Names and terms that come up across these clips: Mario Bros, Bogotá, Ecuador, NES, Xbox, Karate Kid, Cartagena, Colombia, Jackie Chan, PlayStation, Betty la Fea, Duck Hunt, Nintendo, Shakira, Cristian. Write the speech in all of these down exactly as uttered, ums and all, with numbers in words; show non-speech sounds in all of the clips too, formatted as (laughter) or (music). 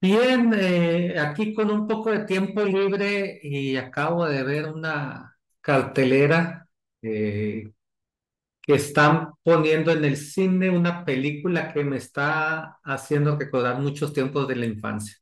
Bien, eh, aquí con un poco de tiempo libre y acabo de ver una cartelera eh, que están poniendo en el cine una película que me está haciendo recordar muchos tiempos de la infancia.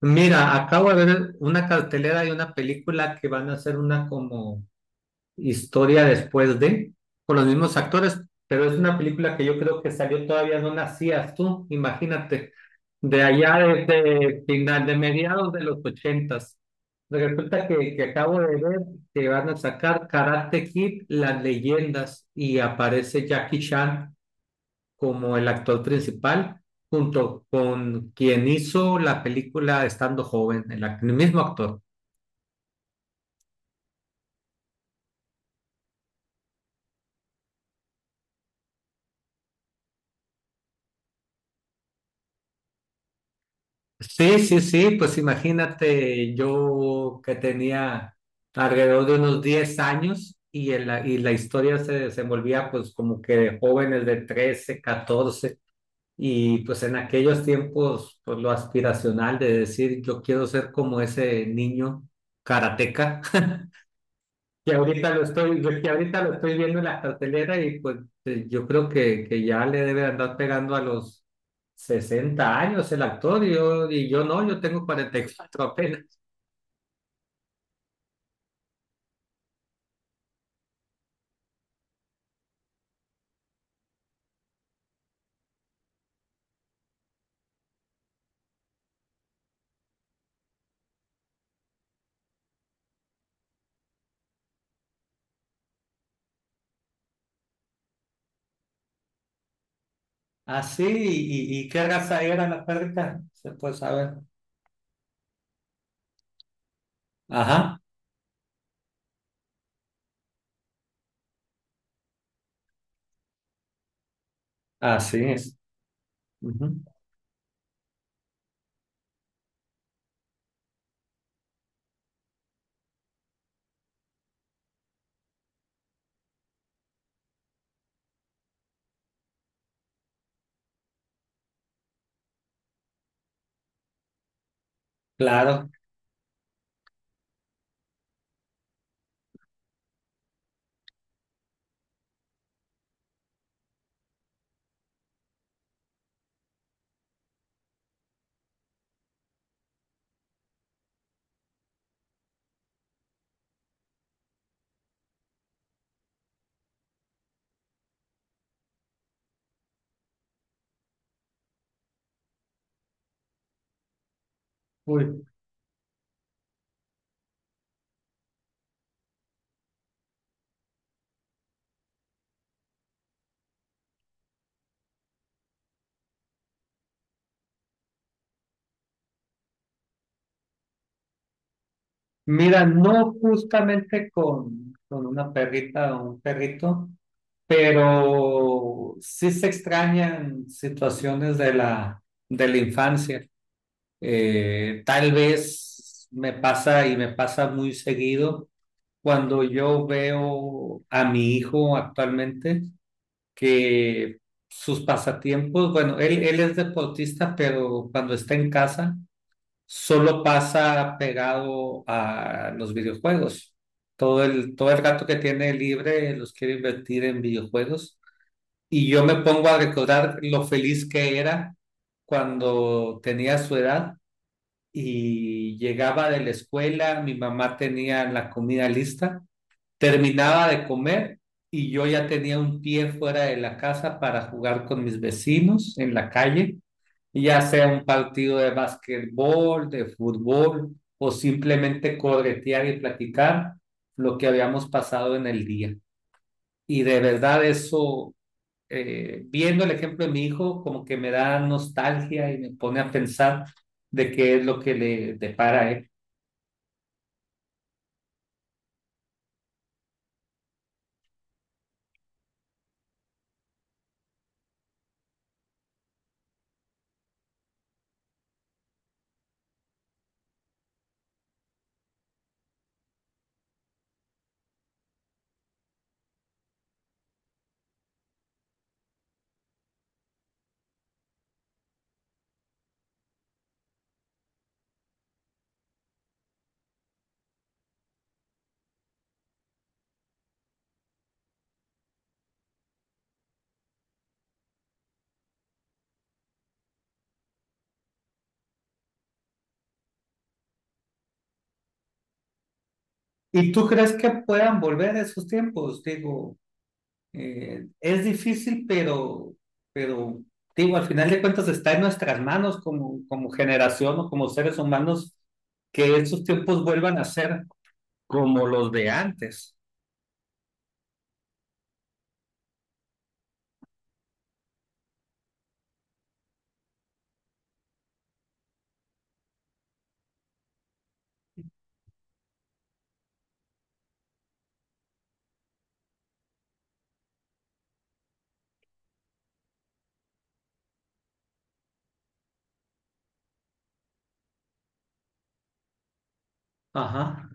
Mira, acabo de ver una cartelera y una película que van a hacer una como historia después de, con los mismos actores, pero es una película que yo creo que salió todavía no nacías tú, imagínate. De allá desde final de mediados de los ochentas. Resulta que, que acabo de ver que van a sacar Karate Kid, las leyendas, y aparece Jackie Chan como el actor principal, junto con quien hizo la película estando joven, el, ac- el mismo actor. Sí, sí, sí, pues imagínate yo que tenía alrededor de unos diez años y, en la, y la historia se desenvolvía pues como que de jóvenes de trece, catorce, y pues en aquellos tiempos pues lo aspiracional de decir yo quiero ser como ese niño karateca que ahorita lo estoy, yo que ahorita lo estoy viendo en la cartelera y pues eh, yo creo que, que ya le debe andar pegando a los sesenta años el actor, y yo, y yo no, yo tengo cuarenta y cuatro (laughs) apenas. Así, y, y, y qué raza era la perrita? Se puede saber. Ajá, así es. Ujú. Claro. Uy. Mira, no justamente con, con, una perrita o un perrito, pero sí se extrañan situaciones de la, de la infancia. Eh, tal vez me pasa y me pasa muy seguido cuando yo veo a mi hijo actualmente, que sus pasatiempos, bueno, él, él es deportista, pero cuando está en casa solo pasa pegado a los videojuegos. Todo el, todo el rato que tiene libre los quiere invertir en videojuegos, y yo me pongo a recordar lo feliz que era cuando tenía su edad y llegaba de la escuela, mi mamá tenía la comida lista, terminaba de comer y yo ya tenía un pie fuera de la casa para jugar con mis vecinos en la calle, ya sea un partido de básquetbol, de fútbol, o simplemente corretear y platicar lo que habíamos pasado en el día. Y de verdad eso, eh, viendo el ejemplo de mi hijo, como que me da nostalgia y me pone a pensar de qué es lo que le depara a él. ¿Y tú crees que puedan volver a esos tiempos? Digo, eh, es difícil, pero, pero, digo, al final de cuentas está en nuestras manos, como, como generación o como seres humanos, que esos tiempos vuelvan a ser como los de antes. Ajá.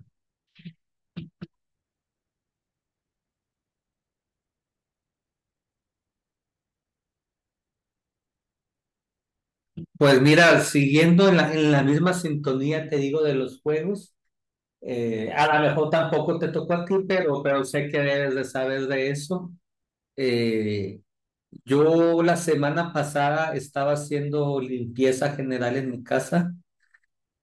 Pues mira, siguiendo en la, en la, misma sintonía, te digo, de los juegos. Eh, a lo mejor tampoco te tocó a ti, pero, pero sé que debes de saber de eso. Eh, yo la semana pasada estaba haciendo limpieza general en mi casa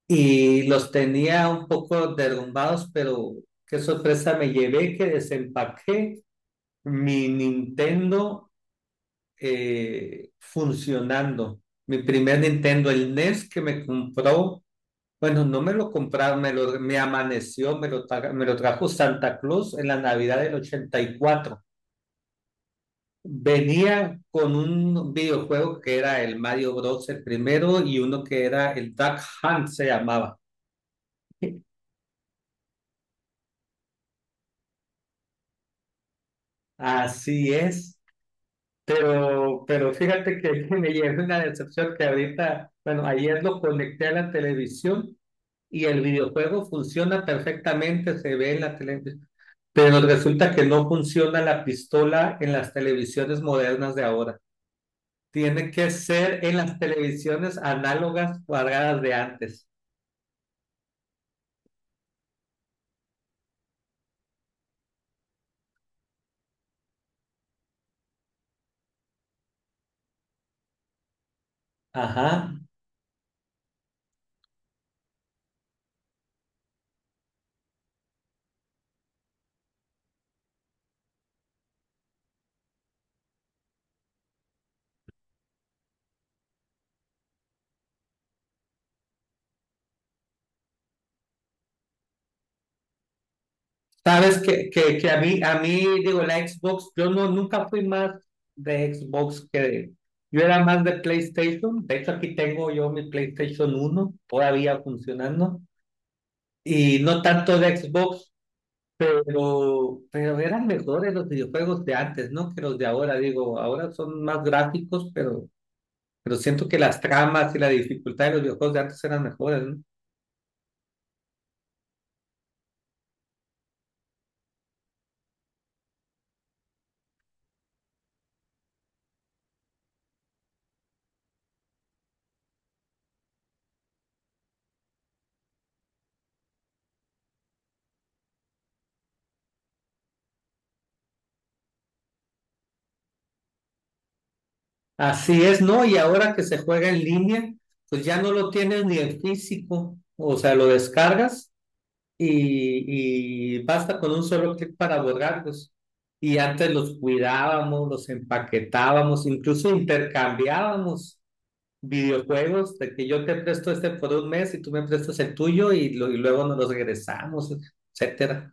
y los tenía un poco derrumbados, pero qué sorpresa me llevé que desempaqué mi Nintendo, eh, funcionando. Mi primer Nintendo, el nes, que me compró, bueno, no me lo compraron, me lo, me amaneció, me lo, tra- me lo trajo Santa Claus en la Navidad del ochenta y cuatro. Venía con un videojuego que era el Mario Bros., el primero, y uno que era el Duck Hunt, se llamaba. Así es, pero, pero, fíjate que (laughs) me llevé una decepción, que ahorita, bueno, ayer lo conecté a la televisión y el videojuego funciona perfectamente, se ve en la televisión, pero resulta que no funciona la pistola en las televisiones modernas de ahora. Tiene que ser en las televisiones análogas cuadradas de antes. Ajá. Sabes que, que, que a mí, a mí, digo, la Xbox, yo no, nunca fui más de Xbox que de, yo era más de PlayStation. De hecho, aquí tengo yo mi PlayStation uno todavía funcionando. Y no tanto de Xbox, Pero, pero, eran mejores los videojuegos de antes, ¿no? Que los de ahora, digo, ahora son más gráficos, pero, pero siento que las tramas y la dificultad de los videojuegos de antes eran mejores, ¿no? Así es, ¿no? Y ahora que se juega en línea, pues ya no lo tienes ni en físico, o sea, lo descargas y, y basta con un solo clic para borrarlos. Y antes los cuidábamos, los empaquetábamos, incluso intercambiábamos videojuegos, de que yo te presto este por un mes y tú me prestas el tuyo y, lo- y luego nos los regresamos, etcétera.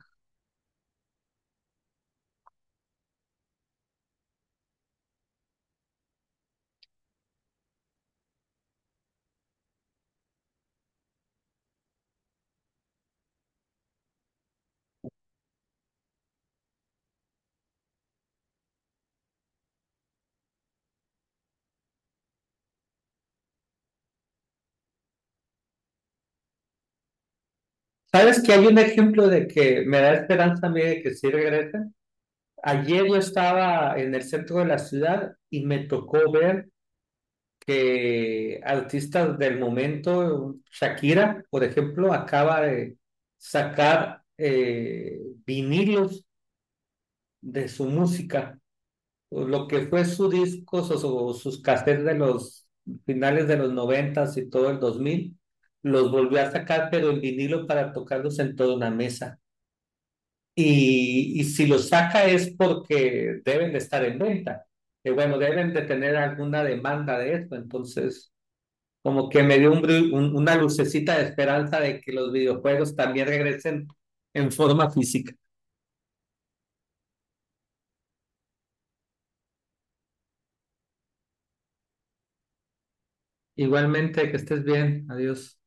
¿Sabes que hay un ejemplo de que me da esperanza a mí de que sí regresen? Ayer yo estaba en el centro de la ciudad y me tocó ver que artistas del momento, Shakira, por ejemplo, acaba de sacar, eh, vinilos de su música. Lo que fue su discos o, su- o sus cassettes de los finales de los noventas y todo el dos mil, los volvió a sacar, pero en vinilo para tocarlos en toda una mesa. Y, y si los saca es porque deben de estar en venta, que bueno, deben de tener alguna demanda de esto. Entonces, como que me dio un un- una lucecita de esperanza de que los videojuegos también regresen en forma física. Igualmente, que estés bien. Adiós.